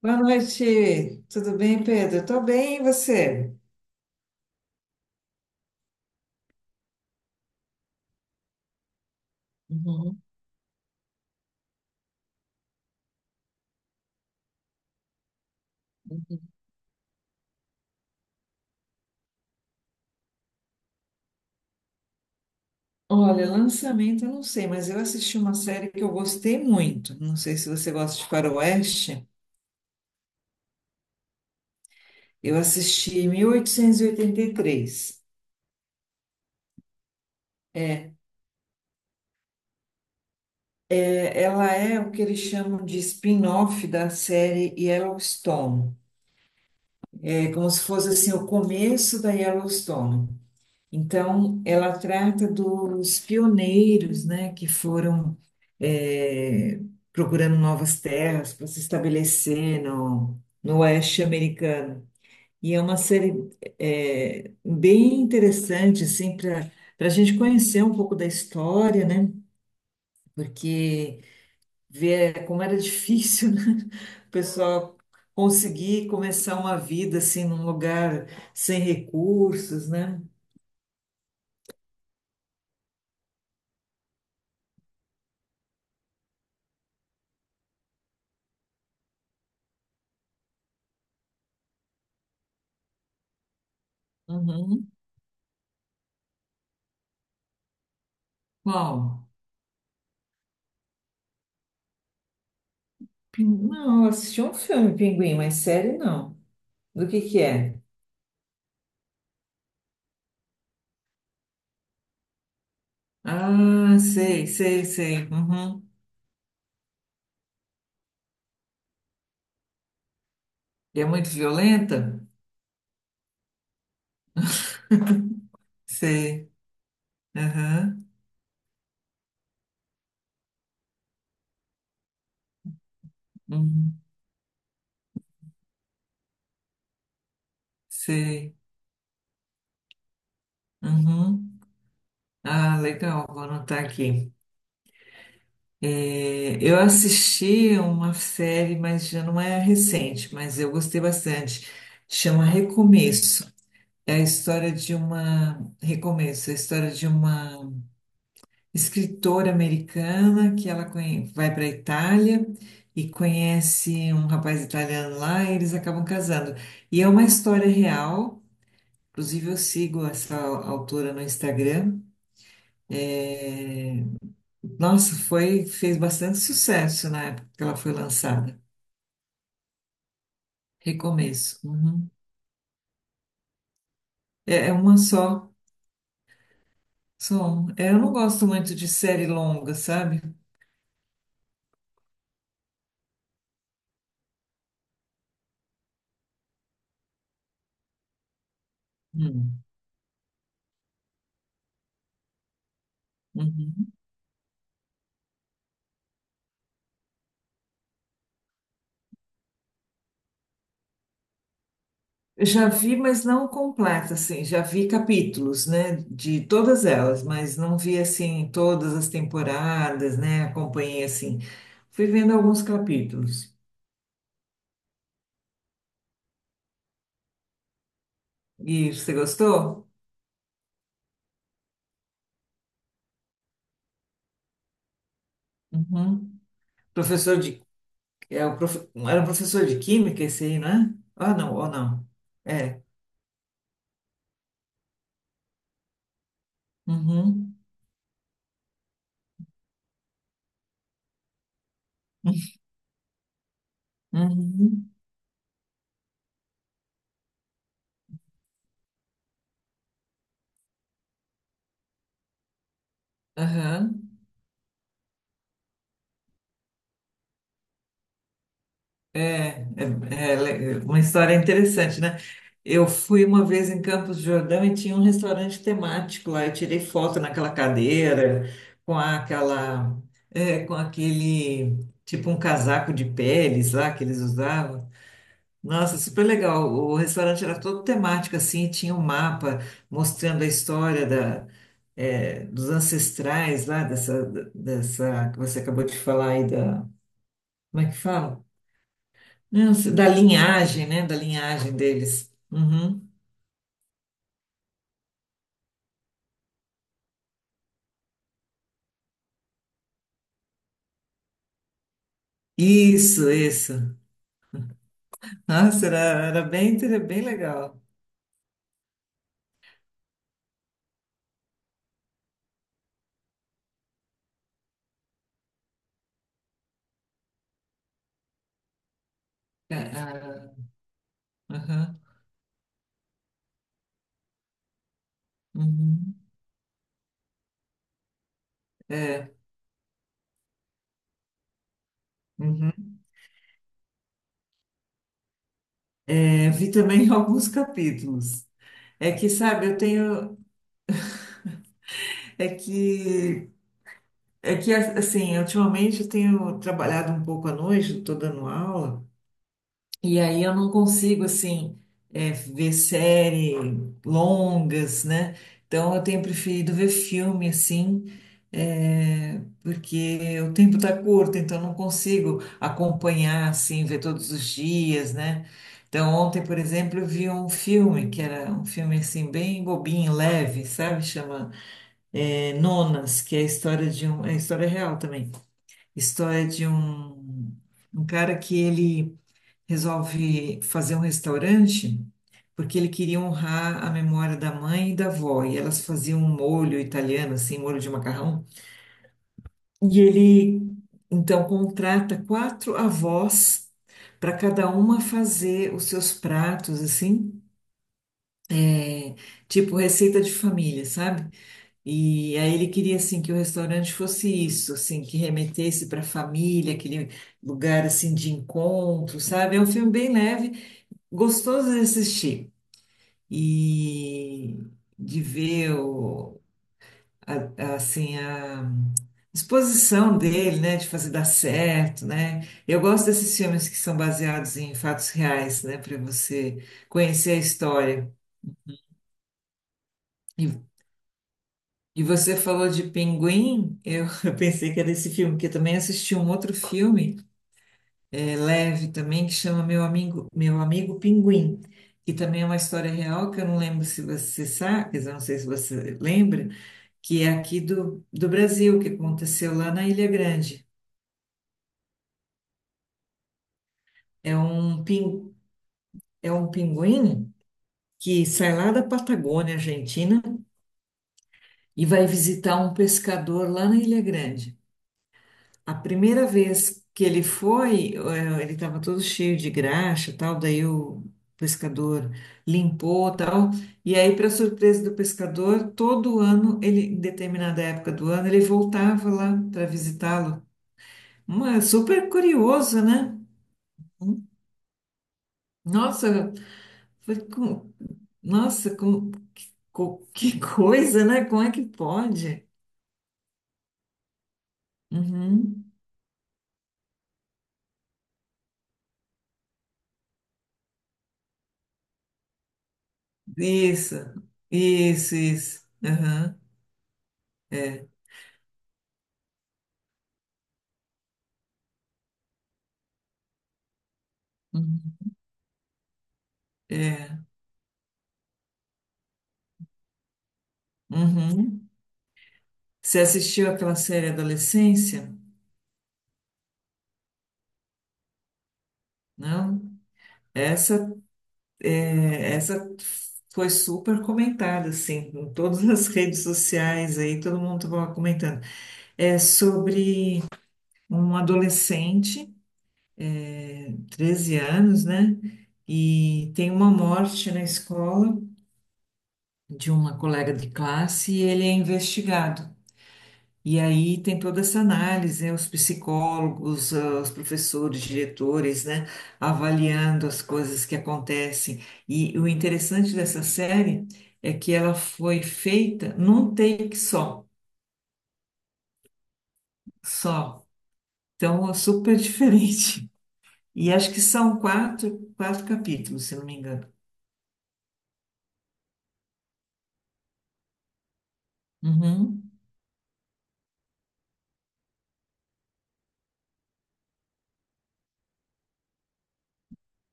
Boa noite, tudo bem, Pedro? Eu tô bem, e você? Uhum, uhum. Olha, lançamento eu não sei, mas eu assisti uma série que eu gostei muito. Não sei se você gosta de faroeste. Eu assisti 1883. É, ela é o que eles chamam de spin-off da série Yellowstone. É como se fosse assim o começo da Yellowstone. Então, ela trata dos pioneiros, né, que foram eh, procurando novas terras para se estabelecer no oeste americano. E é uma série bem interessante, assim, para para a gente conhecer um pouco da história, né? Porque ver como era difícil, né? O pessoal conseguir começar uma vida assim num lugar sem recursos, né? Uhum. Qual? Não, eu assisti um filme, Pinguim, mas série não. Do que é? Ah, sei, sei, sei. Uhum. E é muito violenta? Sei. Aham. Uhum. Sei. Uhum. Ah, legal, vou anotar aqui. É, eu assisti uma série, mas já não é recente, mas eu gostei bastante. Chama Recomeço. É a história de uma. Recomeço, é a história de uma escritora americana que ela vai para a Itália e conhece um rapaz italiano lá e eles acabam casando. E é uma história real, inclusive eu sigo essa autora no Instagram. É, nossa, fez bastante sucesso na época que ela foi lançada. Recomeço. Uhum. É, é uma só. Só um. É, eu não gosto muito de série longa, sabe? Hum. Uhum. Já vi, mas não completa, assim. Já vi capítulos, né, de todas elas, mas não vi, assim, todas as temporadas, né? Acompanhei, assim. Fui vendo alguns capítulos. E você gostou? Uhum. Professor de... É o prof... Era um professor de química esse aí, não é? Ah, não, ou não. É. Uhum. Uhum. Aham. É, é uma história interessante, né? Eu fui uma vez em Campos do Jordão e tinha um restaurante temático lá. Eu tirei foto naquela cadeira, com aquela, é, com aquele, tipo um casaco de peles lá que eles usavam. Nossa, super legal. O restaurante era todo temático assim, tinha um mapa mostrando a história da, é, dos ancestrais lá dessa, dessa que você acabou de falar aí da, como é que fala? Não, da linhagem, né? Da linhagem deles. Uhum. Isso, isso. Nossa, era, era bem legal. Ah, é, aham, uhum, é, uhum. É, vi também alguns capítulos. É que, sabe, eu tenho. É que, é que assim, ultimamente eu tenho trabalhado um pouco à noite, estou dando aula. E aí eu não consigo, assim, é, ver série longas, né? Então eu tenho preferido ver filme, assim, é, porque o tempo tá curto, então eu não consigo acompanhar, assim, ver todos os dias, né? Então ontem, por exemplo, eu vi um filme, que era um filme, assim, bem bobinho, leve, sabe? Chama, é, Nonas, que é a história de um... É a história real também. História de um cara que ele resolve fazer um restaurante porque ele queria honrar a memória da mãe e da avó. E elas faziam um molho italiano, assim, molho de macarrão. E ele, então, contrata quatro avós para cada uma fazer os seus pratos, assim, é, tipo receita de família, sabe? E aí ele queria, assim, que o restaurante fosse isso, assim, que remetesse para a família, aquele lugar, assim, de encontro, sabe? É um filme bem leve, gostoso de assistir. E de ver assim, a disposição dele, né, de fazer dar certo, né? Eu gosto desses filmes que são baseados em fatos reais, né, para você conhecer a história. E, e você falou de Pinguim, eu eu pensei que era esse filme, porque eu também assisti um outro filme, é, leve também, que chama Meu Amigo Pinguim. Que também é uma história real, que eu não lembro se você sabe, quer dizer, eu não sei se você lembra, que é aqui do Brasil, que aconteceu lá na Ilha Grande. É um, pin, é um pinguim que sai lá da Patagônia, Argentina, e vai visitar um pescador lá na Ilha Grande. A primeira vez que ele foi, ele estava todo cheio de graxa, e tal, daí o pescador limpou, tal, e aí, para surpresa do pescador, todo ano, ele, em determinada época do ano, ele voltava lá para visitá-lo. Super curioso, né? Nossa, foi com... que coisa, né? Como é que pode? Uhum. Isso, isso, isso. Aham, é, uhum, é. Uhum. Você assistiu aquela série Adolescência? Não? Essa, essa foi super comentada, assim, em todas as redes sociais aí, todo mundo estava comentando. É sobre um adolescente. 13 anos, né? E tem uma morte na escola de uma colega de classe e ele é investigado. E aí tem toda essa análise, né? Os psicólogos, ah, os professores, diretores, né? Avaliando as coisas que acontecem. E o interessante dessa série é que ela foi feita num take só, só. Então, é super diferente. E acho que são quatro capítulos, se não me engano. Uhum.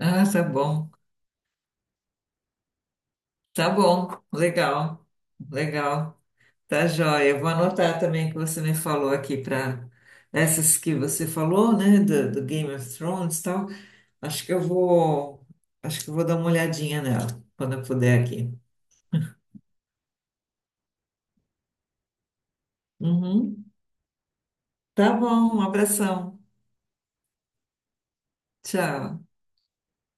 Ah, tá bom. Tá bom, legal, legal, tá joia. Vou anotar também o que você me falou aqui para essas que você falou, né, do Game of Thrones e tal. Acho que eu vou, acho que eu vou dar uma olhadinha nela quando eu puder aqui. Uhum. Tá bom, um abração. Tchau.